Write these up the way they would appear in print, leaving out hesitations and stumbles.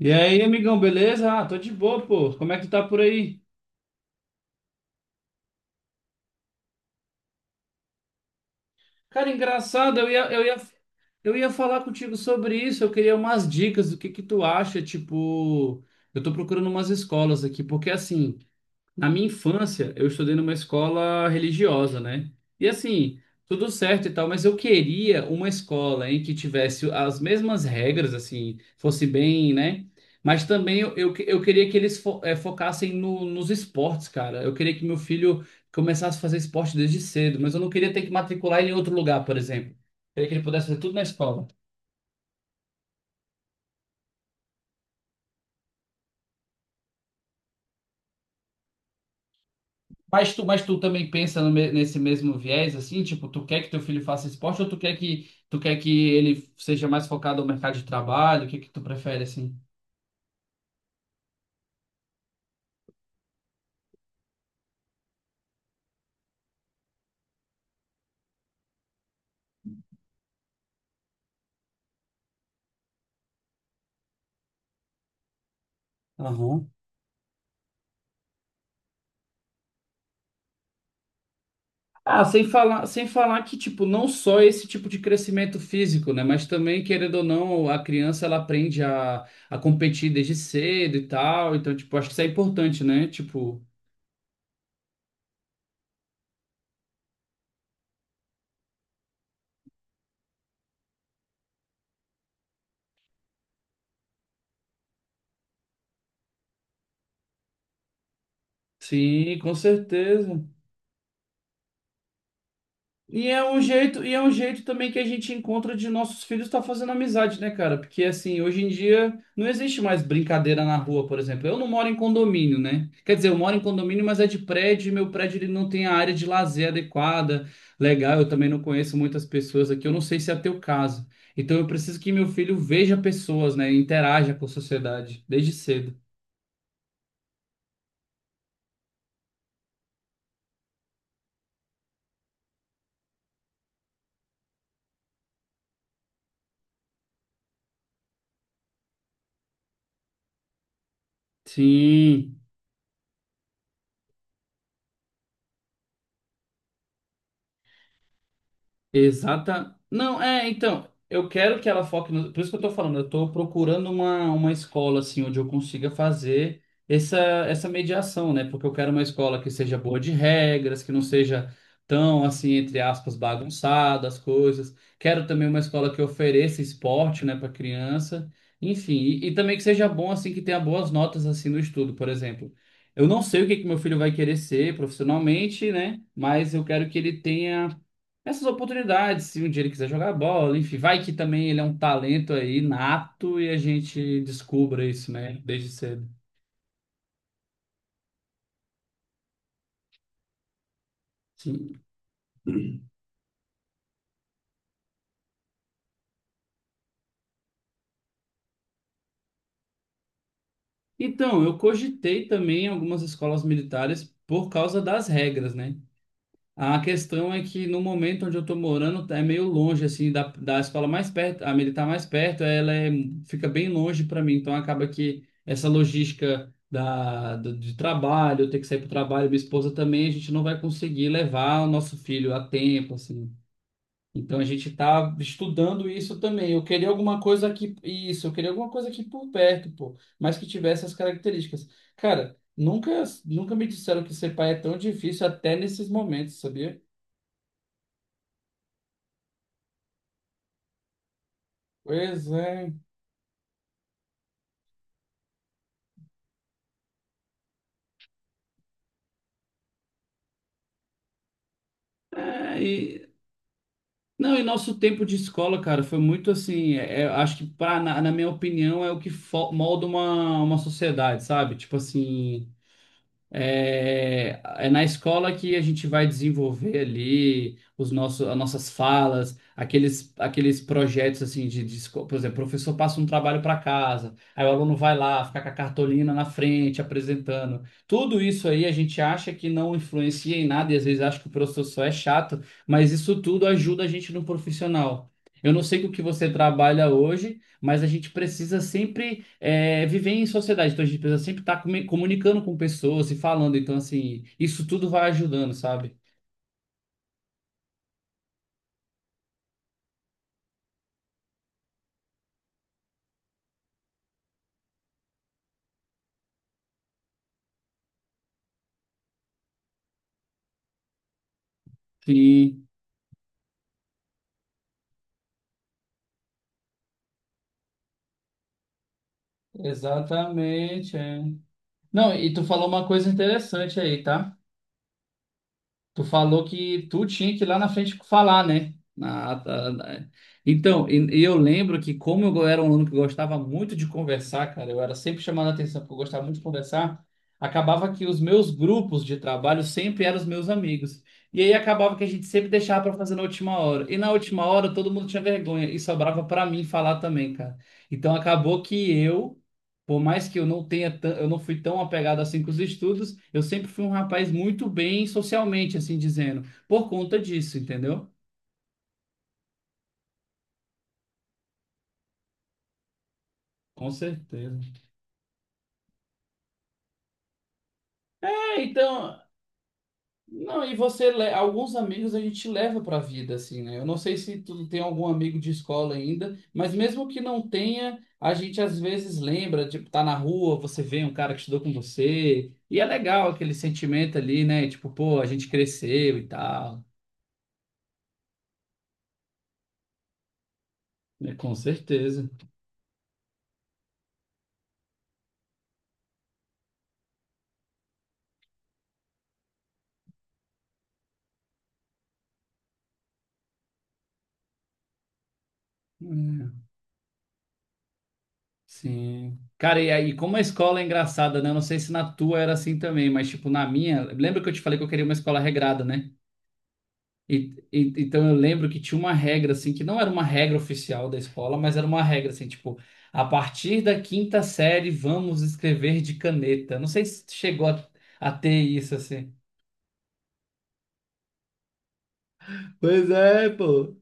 E aí, amigão, beleza? Ah, tô de boa, pô. Como é que tá por aí? Cara, engraçado, eu ia falar contigo sobre isso. Eu queria umas dicas do que tu acha, tipo, eu tô procurando umas escolas aqui, porque assim, na minha infância, eu estudei numa escola religiosa, né? E assim, tudo certo e tal, mas eu queria uma escola em que tivesse as mesmas regras, assim, fosse bem, né? Mas também eu queria que eles focassem nos esportes, cara. Eu queria que meu filho começasse a fazer esporte desde cedo, mas eu não queria ter que matricular ele em outro lugar, por exemplo. Eu queria que ele pudesse fazer tudo na escola. Mas tu também pensa no me- nesse mesmo viés, assim, tipo, tu quer que teu filho faça esporte ou tu quer que ele seja mais focado no mercado de trabalho? O que que tu prefere, assim? Aham. Ah, sem falar que, tipo, não só esse tipo de crescimento físico, né? Mas também, querendo ou não, a criança, ela aprende a competir desde cedo e tal. Então, tipo, acho que isso é importante, né? Tipo, sim, com certeza. E é um jeito também que a gente encontra de nossos filhos estar fazendo amizade, né, cara? Porque assim, hoje em dia não existe mais brincadeira na rua, por exemplo. Eu não moro em condomínio, né? Quer dizer, eu moro em condomínio, mas é de prédio, e meu prédio ele não tem a área de lazer adequada. Legal, eu também não conheço muitas pessoas aqui, eu não sei se é teu caso. Então eu preciso que meu filho veja pessoas, né? Interaja com a sociedade desde cedo. Sim. Exata. Não, então, eu quero que ela foque no. Por isso que eu tô falando, eu tô procurando uma escola, assim, onde eu consiga fazer essa, essa mediação, né? Porque eu quero uma escola que seja boa de regras, que não seja tão, assim, entre aspas, bagunçada as coisas. Quero também uma escola que ofereça esporte, né, para criança. Enfim, e também que seja bom, assim, que tenha boas notas, assim, no estudo, por exemplo. Eu não sei o que que meu filho vai querer ser profissionalmente, né? Mas eu quero que ele tenha essas oportunidades, se um dia ele quiser jogar bola, enfim, vai que também ele é um talento aí nato e a gente descubra isso, né, desde cedo. Sim. Então, eu cogitei também algumas escolas militares por causa das regras, né? A questão é que no momento onde eu tô morando é meio longe assim da escola mais perto, a militar mais perto, fica bem longe para mim, então acaba que essa logística de trabalho, eu ter que sair para trabalho, minha esposa também, a gente não vai conseguir levar o nosso filho a tempo assim. Então a gente tá estudando isso também. Eu queria alguma coisa aqui, isso, eu queria alguma coisa aqui por perto, pô, mas que tivesse essas características. Cara, nunca me disseram que ser pai é tão difícil até nesses momentos, sabia? Pois é. É, não, e nosso tempo de escola, cara, foi muito assim. Acho que, na minha opinião, é o que molda uma sociedade, sabe? Tipo assim. É na escola que a gente vai desenvolver ali os nossos, as nossas falas, aqueles projetos assim, por exemplo, o professor passa um trabalho para casa, aí o aluno vai lá, fica com a cartolina na frente apresentando. Tudo isso aí a gente acha que não influencia em nada e às vezes acha que o professor só é chato, mas isso tudo ajuda a gente no profissional. Eu não sei com o que você trabalha hoje, mas a gente precisa sempre viver em sociedade. Então a gente precisa sempre estar comunicando com pessoas e falando. Então, assim, isso tudo vai ajudando, sabe? Sim, exatamente. É. Não, e tu falou uma coisa interessante aí, tá? Tu falou que tu tinha que ir lá na frente falar, né? Então, eu lembro que como eu era um aluno que gostava muito de conversar, cara, eu era sempre chamado a atenção porque eu gostava muito de conversar, acabava que os meus grupos de trabalho sempre eram os meus amigos. E aí acabava que a gente sempre deixava para fazer na última hora. E na última hora todo mundo tinha vergonha e sobrava para mim falar também, cara. Então acabou que eu por mais que eu não fui tão apegado assim com os estudos, eu sempre fui um rapaz muito bem socialmente, assim dizendo, por conta disso, entendeu? Com certeza. É, então, não, e você, alguns amigos a gente leva pra vida, assim, né? Eu não sei se tu tem algum amigo de escola ainda, mas mesmo que não tenha, a gente às vezes lembra, tipo, tá na rua, você vê um cara que estudou com você, e é legal aquele sentimento ali, né? Tipo, pô, a gente cresceu e tal, né? Com certeza. Hum. Sim. Cara, e aí, como a escola é engraçada, né? Eu não sei se na tua era assim também, mas tipo, na minha, lembra que eu te falei que eu queria uma escola regrada, né? Então eu lembro que tinha uma regra, assim, que não era uma regra oficial da escola, mas era uma regra, assim, tipo, a partir da quinta série vamos escrever de caneta. Não sei se chegou a ter isso, assim. Pois é, pô.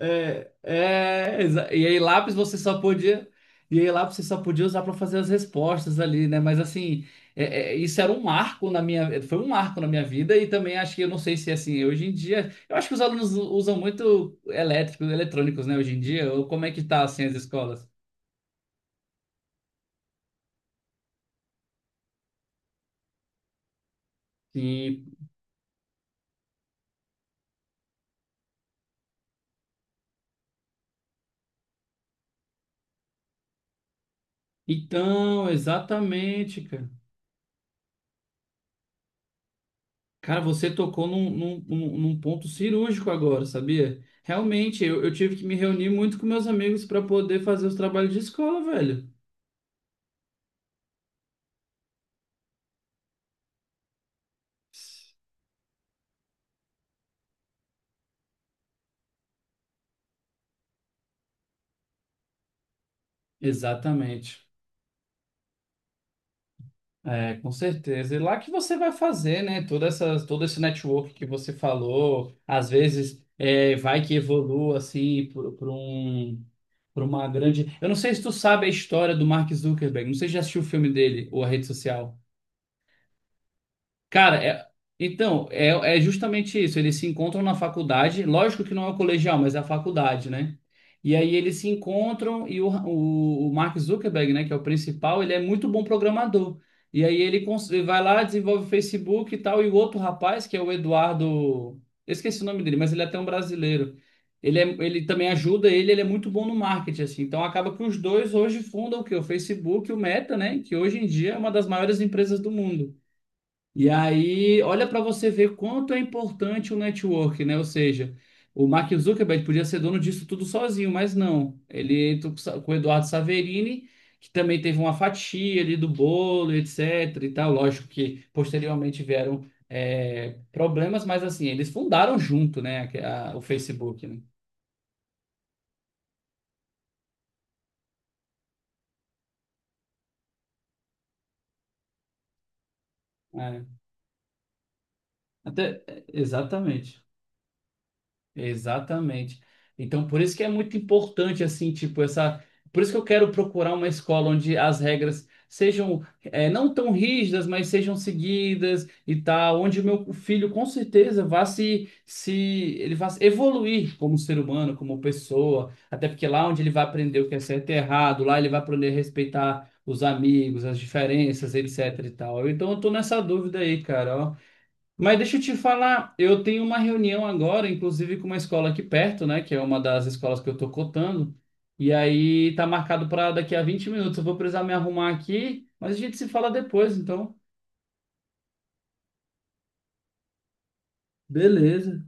É, é, exa- e aí lápis você só podia, e aí lápis você só podia usar para fazer as respostas ali, né? Mas assim, isso era um marco na minha, foi um marco na minha vida e também acho que eu não sei se é assim, hoje em dia, eu acho que os alunos usam muito elétricos, eletrônicos, né, hoje em dia, ou como é que tá assim as escolas? Sim. Então, exatamente, cara. Cara, você tocou num ponto cirúrgico agora, sabia? Realmente, eu tive que me reunir muito com meus amigos para poder fazer os trabalhos de escola, velho. Exatamente. É, com certeza. E lá que você vai fazer, né? Toda essa, todo esse network que você falou, às vezes vai que evolua assim para um, para uma grande. Eu não sei se tu sabe a história do Mark Zuckerberg, não sei se já assistiu o filme dele ou a rede social. Cara, então, é justamente isso. Eles se encontram na faculdade, lógico que não é o colegial, mas é a faculdade, né? E aí eles se encontram e o Mark Zuckerberg, né, que é o principal, ele é muito bom programador. E aí ele vai lá, desenvolve o Facebook e tal, e o outro rapaz, que é o Eduardo, eu esqueci o nome dele, mas ele é até um brasileiro. Ele também ajuda ele, ele é muito bom no marketing, assim. Então acaba que os dois hoje fundam o quê? O Facebook, e o Meta, né? Que hoje em dia é uma das maiores empresas do mundo. E aí, olha para você ver quanto é importante o network, né? Ou seja, o Mark Zuckerberg podia ser dono disso tudo sozinho, mas não. Ele entrou com o Eduardo Saverini, que também teve uma fatia ali do bolo, etc. e tal. Lógico que posteriormente vieram problemas, mas assim, eles fundaram junto, né? O Facebook, né? É. Até, exatamente. Exatamente. Então, por isso que é muito importante, assim, tipo, essa. Por isso que eu quero procurar uma escola onde as regras sejam, não tão rígidas, mas sejam seguidas e tal, onde o meu filho com certeza vá se ele vá evoluir como ser humano, como pessoa, até porque lá onde ele vai aprender o que é certo e errado, lá ele vai aprender a respeitar os amigos, as diferenças, etc e tal. Então, eu tô nessa dúvida aí, cara, ó. Mas deixa eu te falar, eu tenho uma reunião agora, inclusive com uma escola aqui perto, né, que é uma das escolas que eu tô cotando, e aí tá marcado para daqui a 20 minutos. Eu vou precisar me arrumar aqui, mas a gente se fala depois, então. Beleza.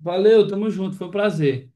Valeu, tamo junto, foi um prazer.